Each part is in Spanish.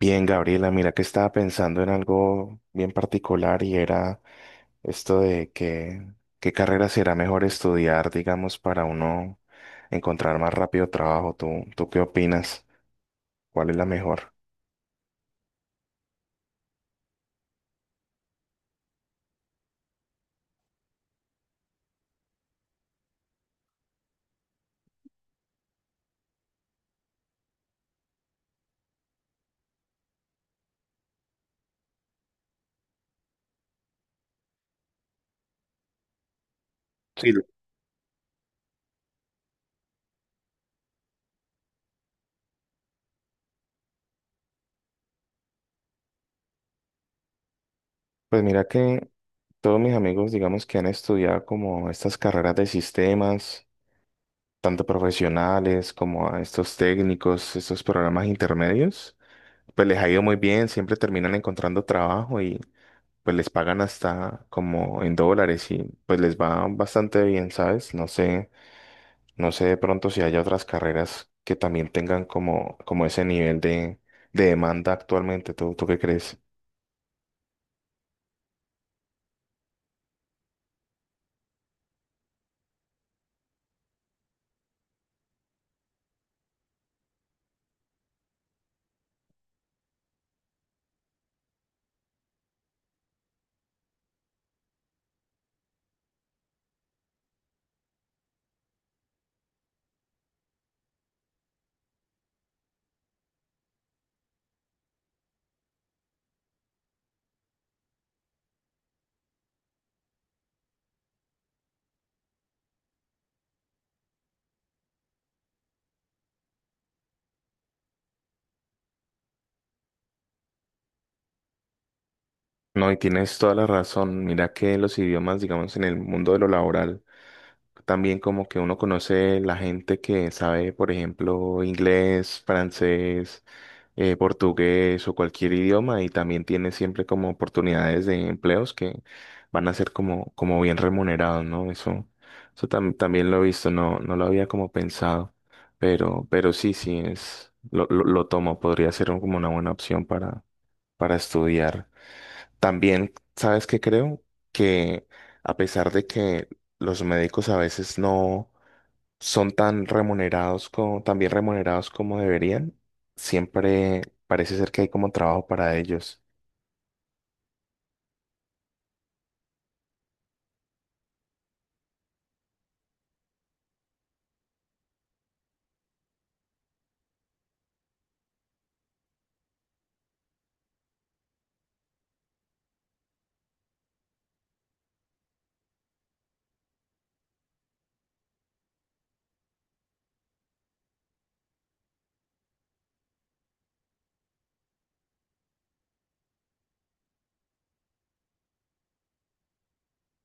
Bien, Gabriela, mira que estaba pensando en algo bien particular y era esto de que qué carrera será mejor estudiar, digamos, para uno encontrar más rápido trabajo. ¿Tú qué opinas? ¿Cuál es la mejor? Sí. Pues mira que todos mis amigos, digamos, que han estudiado como estas carreras de sistemas, tanto profesionales como a estos técnicos, estos programas intermedios, pues les ha ido muy bien, siempre terminan encontrando trabajo y pues les pagan hasta como en dólares y pues les va bastante bien, ¿sabes? No sé, no sé de pronto si haya otras carreras que también tengan como, como ese nivel de demanda actualmente. ¿Tú qué crees? No, y tienes toda la razón. Mira que los idiomas, digamos, en el mundo de lo laboral, también como que uno conoce la gente que sabe, por ejemplo, inglés, francés, portugués o cualquier idioma y también tiene siempre como oportunidades de empleos que van a ser como, como bien remunerados, ¿no? Eso, también lo he visto, no, no lo había como pensado, pero sí, sí es, lo tomo, podría ser como una buena opción para estudiar. También, ¿sabes qué creo? Que a pesar de que los médicos a veces no son tan remunerados como, tan bien remunerados como deberían, siempre parece ser que hay como trabajo para ellos.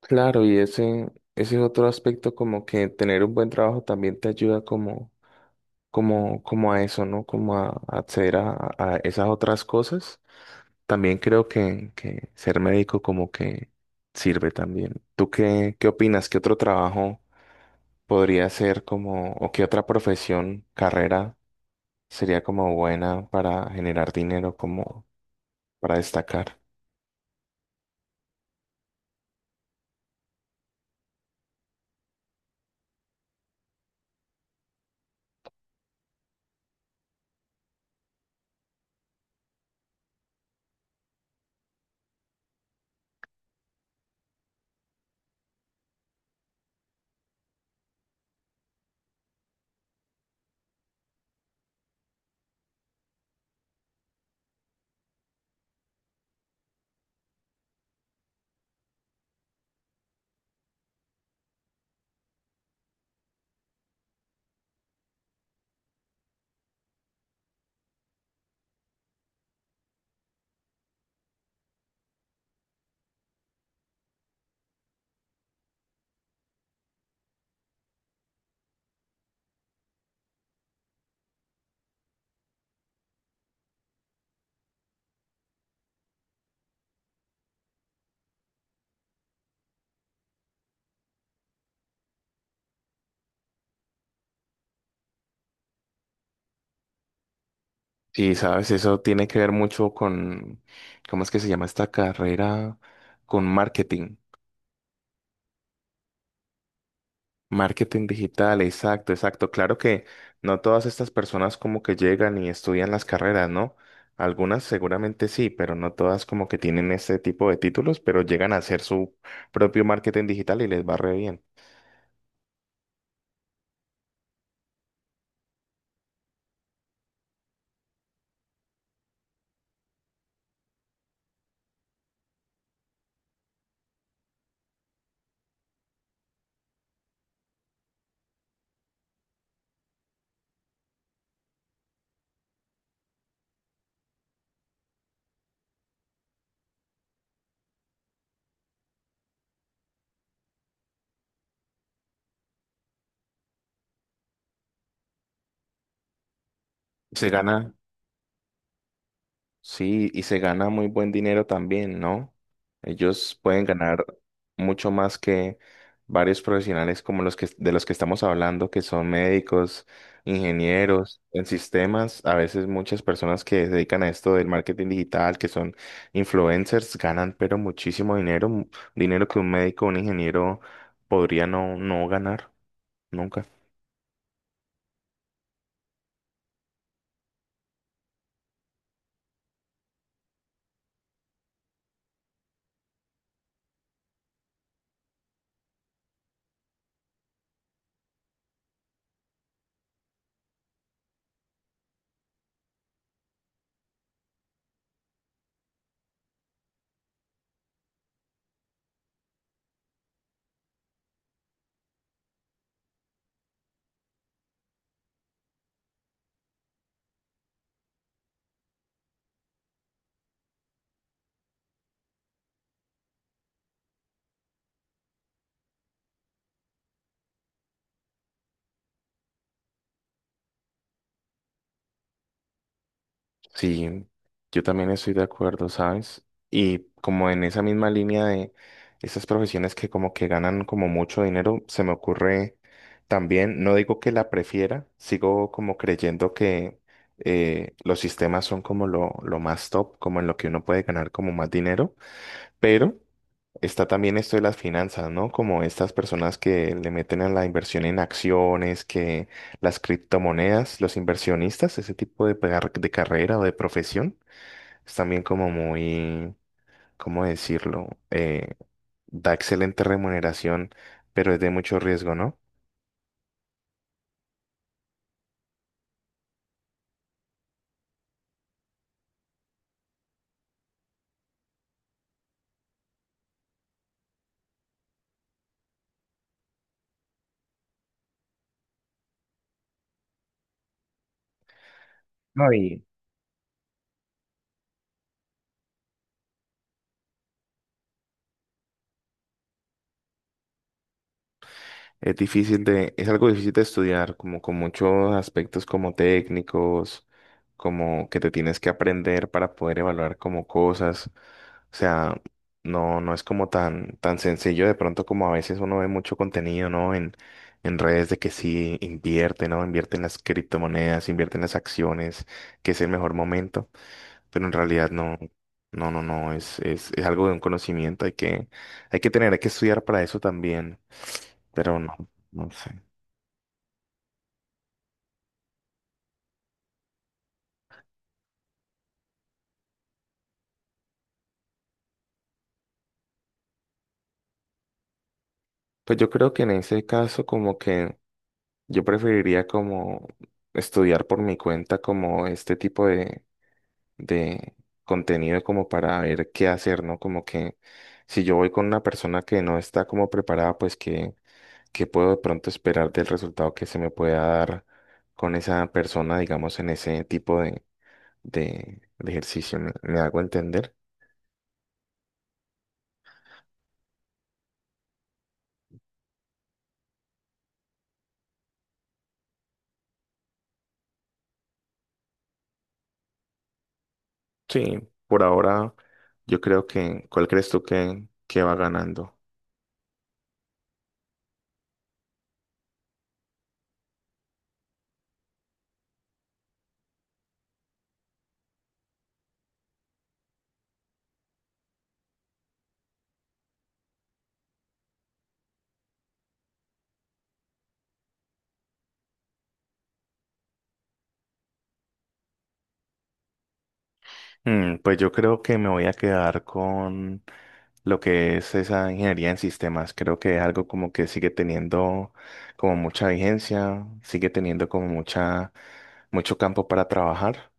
Claro, y ese es otro aspecto como que tener un buen trabajo también te ayuda como, como, como a eso, ¿no? Como a acceder a esas otras cosas. También creo que ser médico como que sirve también. ¿Tú qué, qué opinas? ¿Qué otro trabajo podría ser como, o qué otra profesión, carrera sería como buena para generar dinero, como para destacar? Y sabes, eso tiene que ver mucho con, ¿cómo es que se llama esta carrera? Con marketing. Marketing digital, exacto, exacto. Claro que no todas estas personas como que llegan y estudian las carreras, ¿no? Algunas seguramente sí, pero no todas como que tienen este tipo de títulos, pero llegan a hacer su propio marketing digital y les va re bien. Se gana, sí, y se gana muy buen dinero también, ¿no? Ellos pueden ganar mucho más que varios profesionales como los que de los que estamos hablando, que son médicos, ingenieros, en sistemas. A veces muchas personas que se dedican a esto del marketing digital, que son influencers, ganan pero muchísimo dinero, dinero que un médico o un ingeniero podría no, no ganar nunca. Sí, yo también estoy de acuerdo, ¿sabes? Y como en esa misma línea de esas profesiones que como que ganan como mucho dinero, se me ocurre también, no digo que la prefiera, sigo como creyendo que los sistemas son como lo más top, como en lo que uno puede ganar como más dinero. Pero está también esto de las finanzas, ¿no? Como estas personas que le meten a la inversión en acciones, que las criptomonedas, los inversionistas, ese tipo de, de carrera o de profesión, es también como muy, ¿cómo decirlo? Da excelente remuneración, pero es de mucho riesgo, ¿no? No y es difícil de, es algo difícil de estudiar, como con muchos aspectos como técnicos, como que te tienes que aprender para poder evaluar como cosas. O sea, no, no es como tan, tan sencillo de pronto como a veces uno ve mucho contenido, ¿no? En redes de que sí invierte, ¿no? Invierte en las criptomonedas, invierte en las acciones, que es el mejor momento. Pero en realidad no, no, no, no, es algo de un conocimiento, hay que tener, hay que estudiar para eso también pero no, no sé. Pues yo creo que en ese caso como que yo preferiría como estudiar por mi cuenta como este tipo de contenido como para ver qué hacer, ¿no? Como que si yo voy con una persona que no está como preparada, pues que puedo de pronto esperar del resultado que se me pueda dar con esa persona, digamos, en ese tipo de ejercicio. Me hago entender? Sí, por ahora yo creo que, ¿cuál crees tú que va ganando? Mm, pues yo creo que me voy a quedar con lo que es esa ingeniería en sistemas. Creo que es algo como que sigue teniendo como mucha vigencia, sigue teniendo como mucha, mucho campo para trabajar.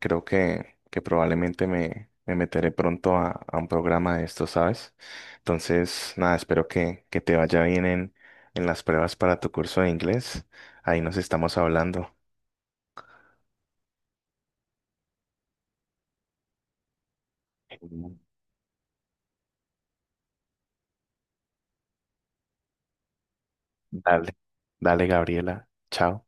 Creo que probablemente me, me meteré pronto a un programa de esto, ¿sabes? Entonces, nada, espero que te vaya bien en las pruebas para tu curso de inglés. Ahí nos estamos hablando. Dale, dale, Gabriela. Chao.